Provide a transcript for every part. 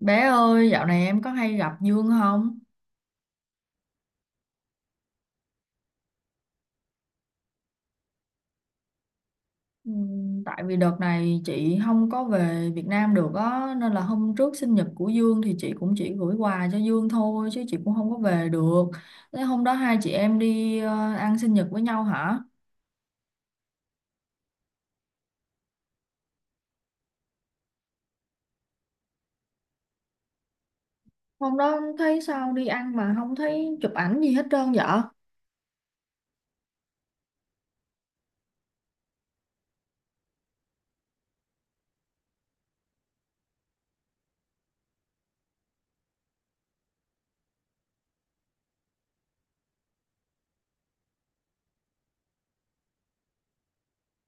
Bé ơi, dạo này em có hay gặp Dương không? Tại vì đợt này chị không có về Việt Nam được á, nên là hôm trước sinh nhật của Dương thì chị cũng chỉ gửi quà cho Dương thôi, chứ chị cũng không có về được. Thế hôm đó hai chị em đi ăn sinh nhật với nhau hả? Hôm đó thấy sao đi ăn mà không thấy chụp ảnh gì hết trơn vậy?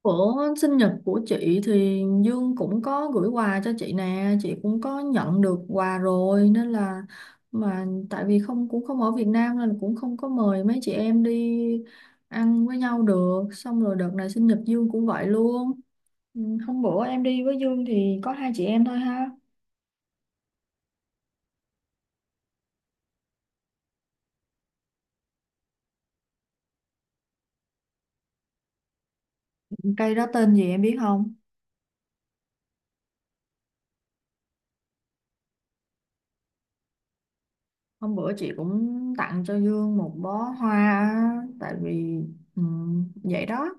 Bữa sinh nhật của chị thì Dương cũng có gửi quà cho chị nè, chị cũng có nhận được quà rồi nên là mà tại vì không cũng không ở Việt Nam nên cũng không có mời mấy chị em đi ăn với nhau được. Xong rồi đợt này sinh nhật Dương cũng vậy luôn. Ừ, Hôm bữa em đi với Dương thì có hai chị em thôi ha. Cây đó tên gì em biết không? Hôm bữa chị cũng tặng cho Dương một bó hoa á, tại vì ừ, vậy đó,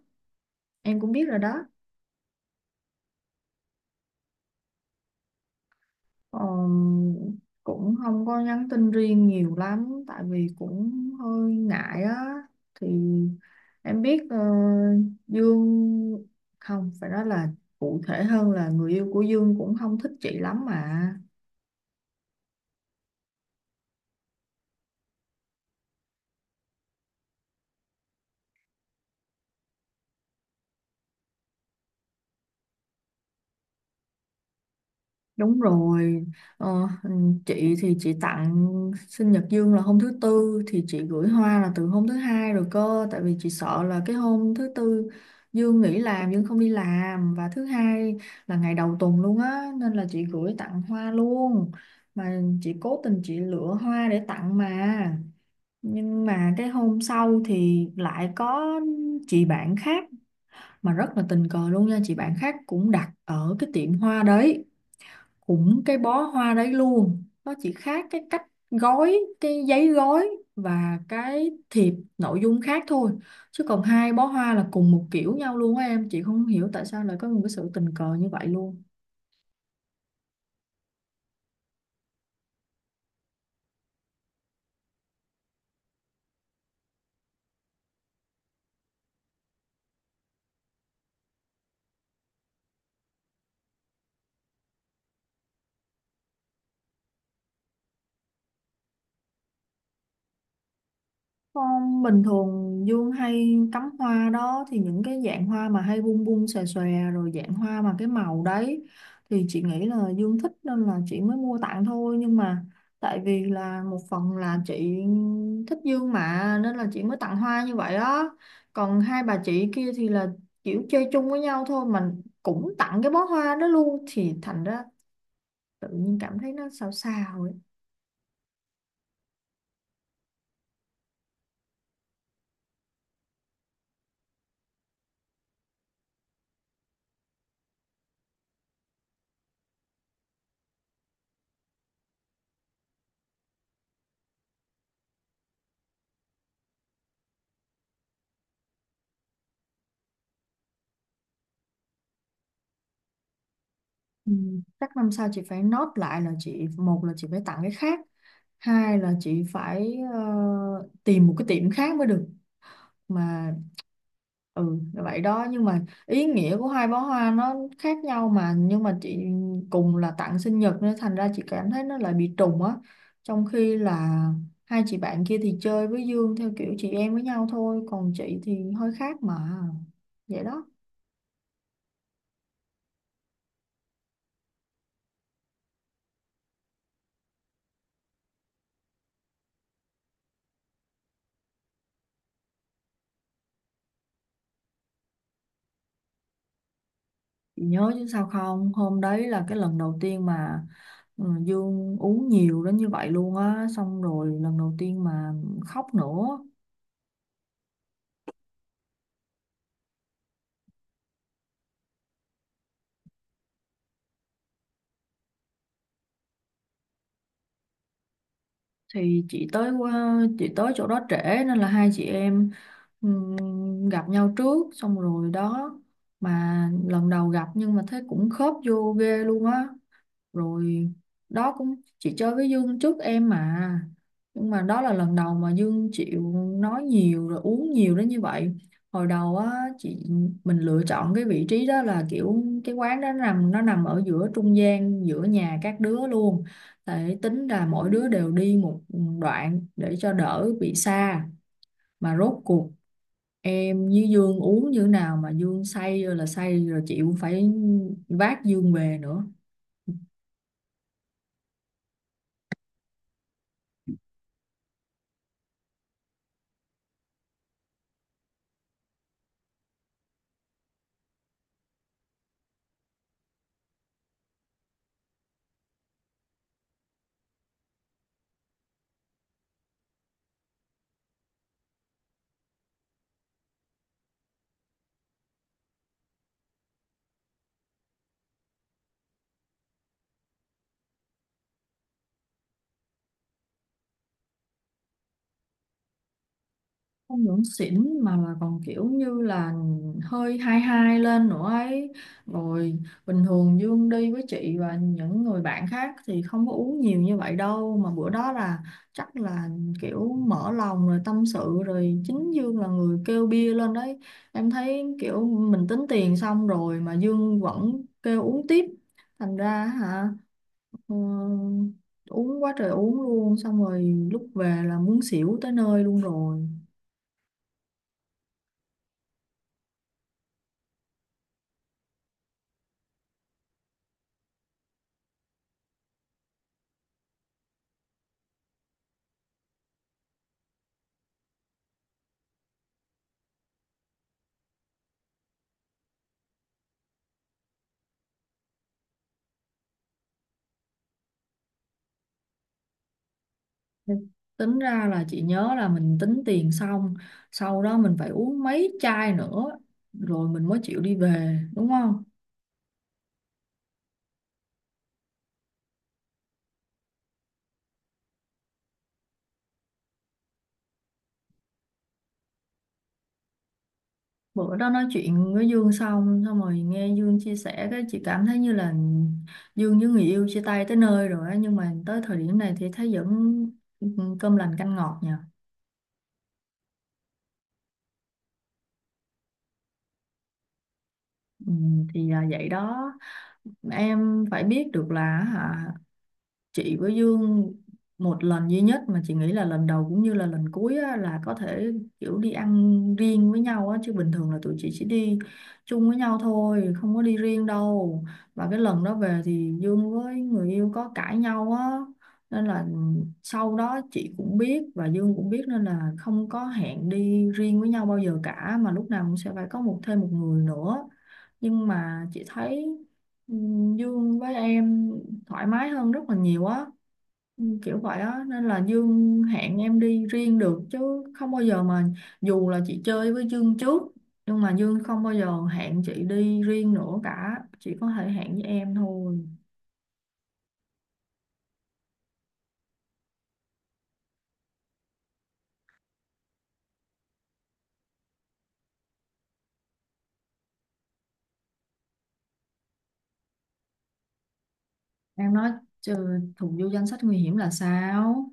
em cũng biết rồi đó. Ờ, Cũng không có nhắn tin riêng nhiều lắm tại vì cũng hơi ngại á thì em biết Dương không phải nói là cụ thể hơn là người yêu của Dương cũng không thích chị lắm mà. Đúng rồi, ờ, ừ, chị thì chị tặng sinh nhật Dương là hôm thứ tư thì chị gửi hoa là từ hôm thứ hai rồi cơ, tại vì chị sợ là cái hôm thứ tư Dương nghỉ làm, Dương không đi làm, và thứ hai là ngày đầu tuần luôn á nên là chị gửi tặng hoa luôn, mà chị cố tình chị lựa hoa để tặng mà nhưng mà cái hôm sau thì lại có chị bạn khác, mà rất là tình cờ luôn nha, chị bạn khác cũng đặt ở cái tiệm hoa đấy, cũng cái bó hoa đấy luôn, nó chỉ khác cái cách gói, cái giấy gói và cái thiệp nội dung khác thôi, chứ còn hai bó hoa là cùng một kiểu nhau luôn á em, chị không hiểu tại sao lại có một cái sự tình cờ như vậy luôn. Con bình thường Dương hay cắm hoa đó thì những cái dạng hoa mà hay bung bung xòe xòe, rồi dạng hoa mà cái màu đấy thì chị nghĩ là Dương thích nên là chị mới mua tặng thôi, nhưng mà tại vì là một phần là chị thích Dương mà nên là chị mới tặng hoa như vậy đó. Còn hai bà chị kia thì là kiểu chơi chung với nhau thôi mà cũng tặng cái bó hoa đó luôn thì thành ra tự nhiên cảm thấy nó sao sao ấy. Ừ, Chắc năm sau chị phải nốt lại là chị, một là chị phải tặng cái khác, hai là chị phải tìm một cái tiệm khác mới được, mà ừ là vậy đó. Nhưng mà ý nghĩa của hai bó hoa nó khác nhau mà, nhưng mà chị cùng là tặng sinh nhật nên thành ra chị cảm thấy nó lại bị trùng á, trong khi là hai chị bạn kia thì chơi với Dương theo kiểu chị em với nhau thôi, còn chị thì hơi khác mà, vậy đó. Chị nhớ chứ sao không, hôm đấy là cái lần đầu tiên mà ừ, Dương uống nhiều đến như vậy luôn á, xong rồi lần đầu tiên mà khóc nữa. Thì chị tới, qua chị tới chỗ đó trễ nên là hai chị em ừm, gặp nhau trước xong rồi đó, mà lần đầu gặp nhưng mà thấy cũng khớp vô ghê luôn á. Rồi đó, cũng chị chơi với Dương trước em mà, nhưng mà đó là lần đầu mà Dương chịu nói nhiều rồi uống nhiều đến như vậy. Hồi đầu á chị, mình lựa chọn cái vị trí đó là kiểu cái quán đó nằm, nó nằm ở giữa trung gian giữa nhà các đứa luôn để tính là mỗi đứa đều đi một đoạn để cho đỡ bị xa, mà rốt cuộc em với Dương uống như thế nào mà Dương say rồi là say rồi, chị cũng phải vác Dương về nữa. Không những xỉn mà còn kiểu như là hơi hai hai lên nữa ấy. Rồi bình thường Dương đi với chị và những người bạn khác thì không có uống nhiều như vậy đâu, mà bữa đó là chắc là kiểu mở lòng rồi tâm sự, rồi chính Dương là người kêu bia lên đấy. Em thấy kiểu mình tính tiền xong rồi mà Dương vẫn kêu uống tiếp, thành ra hả, ừ, uống quá trời uống luôn, xong rồi lúc về là muốn xỉu tới nơi luôn rồi. Tính ra là chị nhớ là mình tính tiền xong, sau đó mình phải uống mấy chai nữa, rồi mình mới chịu đi về, đúng không? Bữa đó nói chuyện với Dương xong, xong rồi nghe Dương chia sẻ cái chị cảm thấy như là Dương với người yêu chia tay tới nơi rồi á, nhưng mà tới thời điểm này thì thấy vẫn ừ, cơm lành canh ngọt nha. Ừ, thì là vậy đó, em phải biết được là hả, chị với Dương một lần duy nhất mà chị nghĩ là lần đầu cũng như là lần cuối á, là có thể kiểu đi ăn riêng với nhau á, chứ bình thường là tụi chị chỉ đi chung với nhau thôi, không có đi riêng đâu. Và cái lần đó về thì Dương với người yêu có cãi nhau á, nên là sau đó chị cũng biết và Dương cũng biết nên là không có hẹn đi riêng với nhau bao giờ cả, mà lúc nào cũng sẽ phải có một thêm một người nữa. Nhưng mà chị thấy Ừ, Dương với em thoải mái hơn rất là nhiều á. Kiểu vậy á, nên là Dương hẹn em đi riêng được, chứ không bao giờ mà, dù là chị chơi với Dương trước nhưng mà Dương không bao giờ hẹn chị đi riêng nữa cả, chỉ có thể hẹn với em thôi. Em nói trừ thuộc vô danh sách nguy hiểm là sao?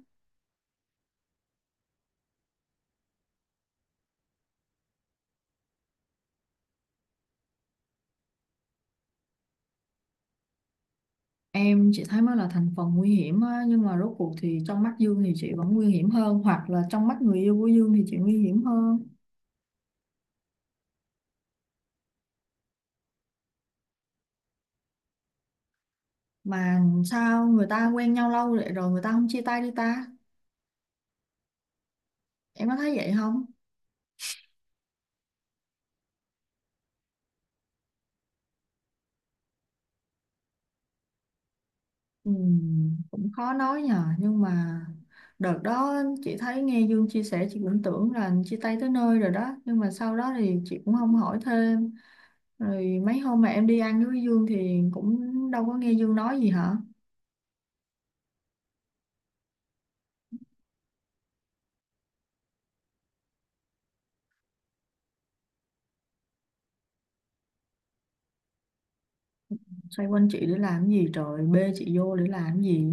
Em chỉ thấy mới là thành phần nguy hiểm á, nhưng mà rốt cuộc thì trong mắt Dương thì chị vẫn nguy hiểm hơn, hoặc là trong mắt người yêu của Dương thì chị nguy hiểm hơn. Mà sao người ta quen nhau lâu vậy rồi người ta không chia tay đi ta, em có thấy vậy không? Ừ, cũng khó nói nhờ, nhưng mà đợt đó chị thấy nghe Dương chia sẻ chị cũng tưởng là chia tay tới nơi rồi đó, nhưng mà sau đó thì chị cũng không hỏi thêm. Rồi mấy hôm mà em đi ăn với Dương thì cũng đâu có nghe Dương nói gì hả? Xoay quanh chị để làm cái gì trời, bê chị vô để làm cái gì?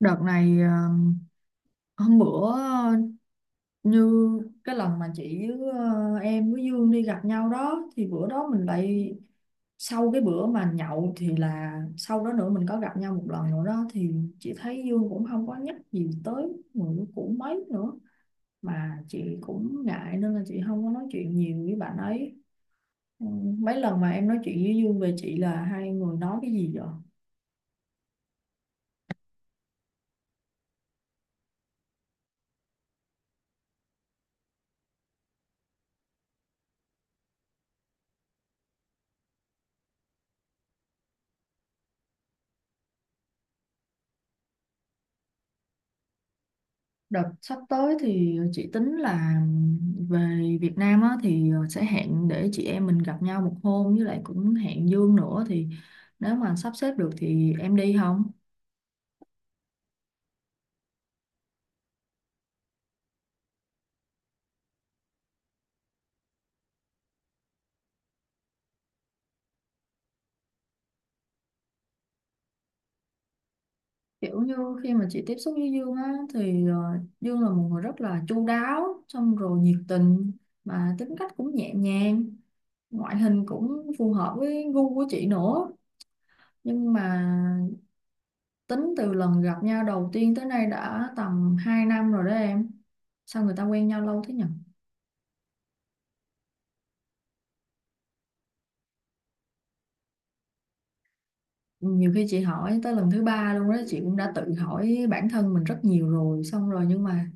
Đợt này hôm bữa như cái lần mà chị với em với Dương đi gặp nhau đó thì bữa đó mình lại, sau cái bữa mà nhậu thì là sau đó nữa mình có gặp nhau một lần nữa đó, thì chị thấy Dương cũng không có nhắc gì tới người cũ mấy nữa, mà chị cũng ngại nên là chị không có nói chuyện nhiều với bạn ấy. Ừ, Mấy lần mà em nói chuyện với Dương về chị là hai người nói cái gì vậy? Đợt sắp tới thì chị tính là về Việt Nam á, thì sẽ hẹn để chị em mình gặp nhau một hôm, với lại cũng hẹn Dương nữa, thì nếu mà sắp xếp được thì em đi không? Kiểu như khi mà chị tiếp xúc với Dương á thì Dương là một người rất là chu đáo, xong rồi nhiệt tình, mà tính cách cũng nhẹ nhàng, ngoại hình cũng phù hợp với gu của chị nữa. Nhưng mà tính từ lần gặp nhau đầu tiên tới nay đã tầm 2 năm rồi đó em. Sao người ta quen nhau lâu thế nhỉ? Nhiều khi chị hỏi tới lần thứ ba luôn đó, chị cũng đã tự hỏi bản thân mình rất nhiều rồi, xong rồi nhưng mà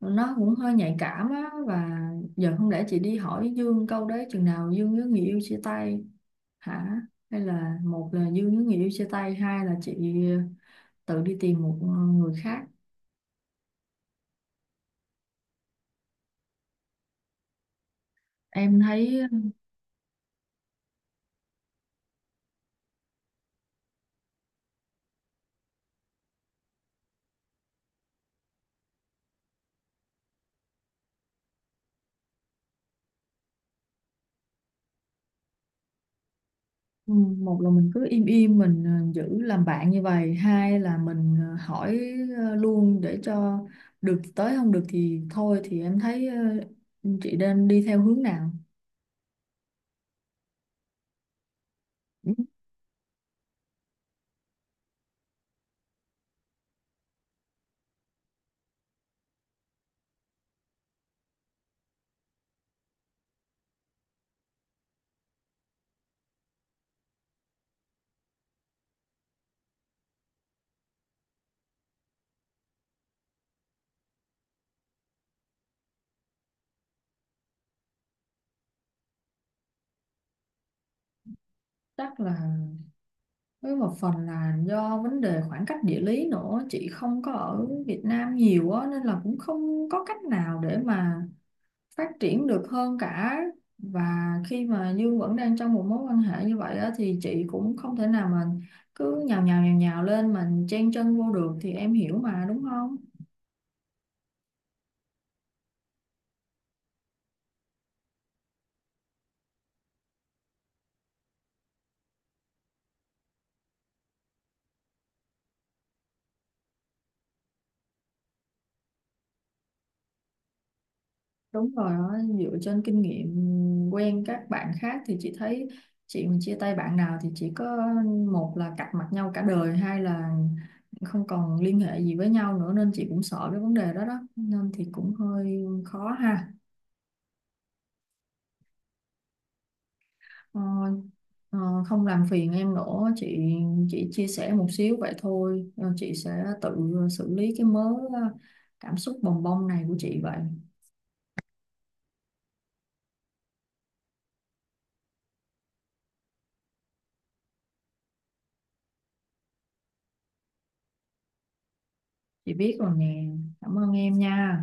nó cũng hơi nhạy cảm á, và giờ không lẽ chị đi hỏi Dương câu đấy chừng nào Dương với người yêu chia tay hả? Hay là một là Dương với người yêu chia tay, hai là chị tự đi tìm một người khác. Em thấy ừ, một là mình cứ im im mình giữ làm bạn như vậy, hai là mình hỏi luôn để cho được thì tới, không được thì thôi, thì em thấy chị nên đi theo hướng nào? Ừ. Chắc là với một phần là do vấn đề khoảng cách địa lý nữa, chị không có ở Việt Nam nhiều á nên là cũng không có cách nào để mà phát triển được hơn cả. Và khi mà Dương vẫn đang trong một mối quan hệ như vậy á, thì chị cũng không thể nào mà cứ nhào nhào nhào nhào lên mà chen chân vô được, thì em hiểu mà đúng không? Đúng rồi đó, dựa trên kinh nghiệm quen các bạn khác thì chị thấy chị mà chia tay bạn nào thì chỉ có, một là cạch mặt nhau cả đời, hai là không còn liên hệ gì với nhau nữa, nên chị cũng sợ cái vấn đề đó đó, nên thì cũng hơi khó ha. Ờ, ờ, Không làm phiền em nữa, chị chia sẻ một xíu vậy thôi. Ờ, chị sẽ tự xử lý cái mớ ờ, cảm xúc bồng bông này của chị vậy. Chị biết rồi nè, cảm ơn em nha.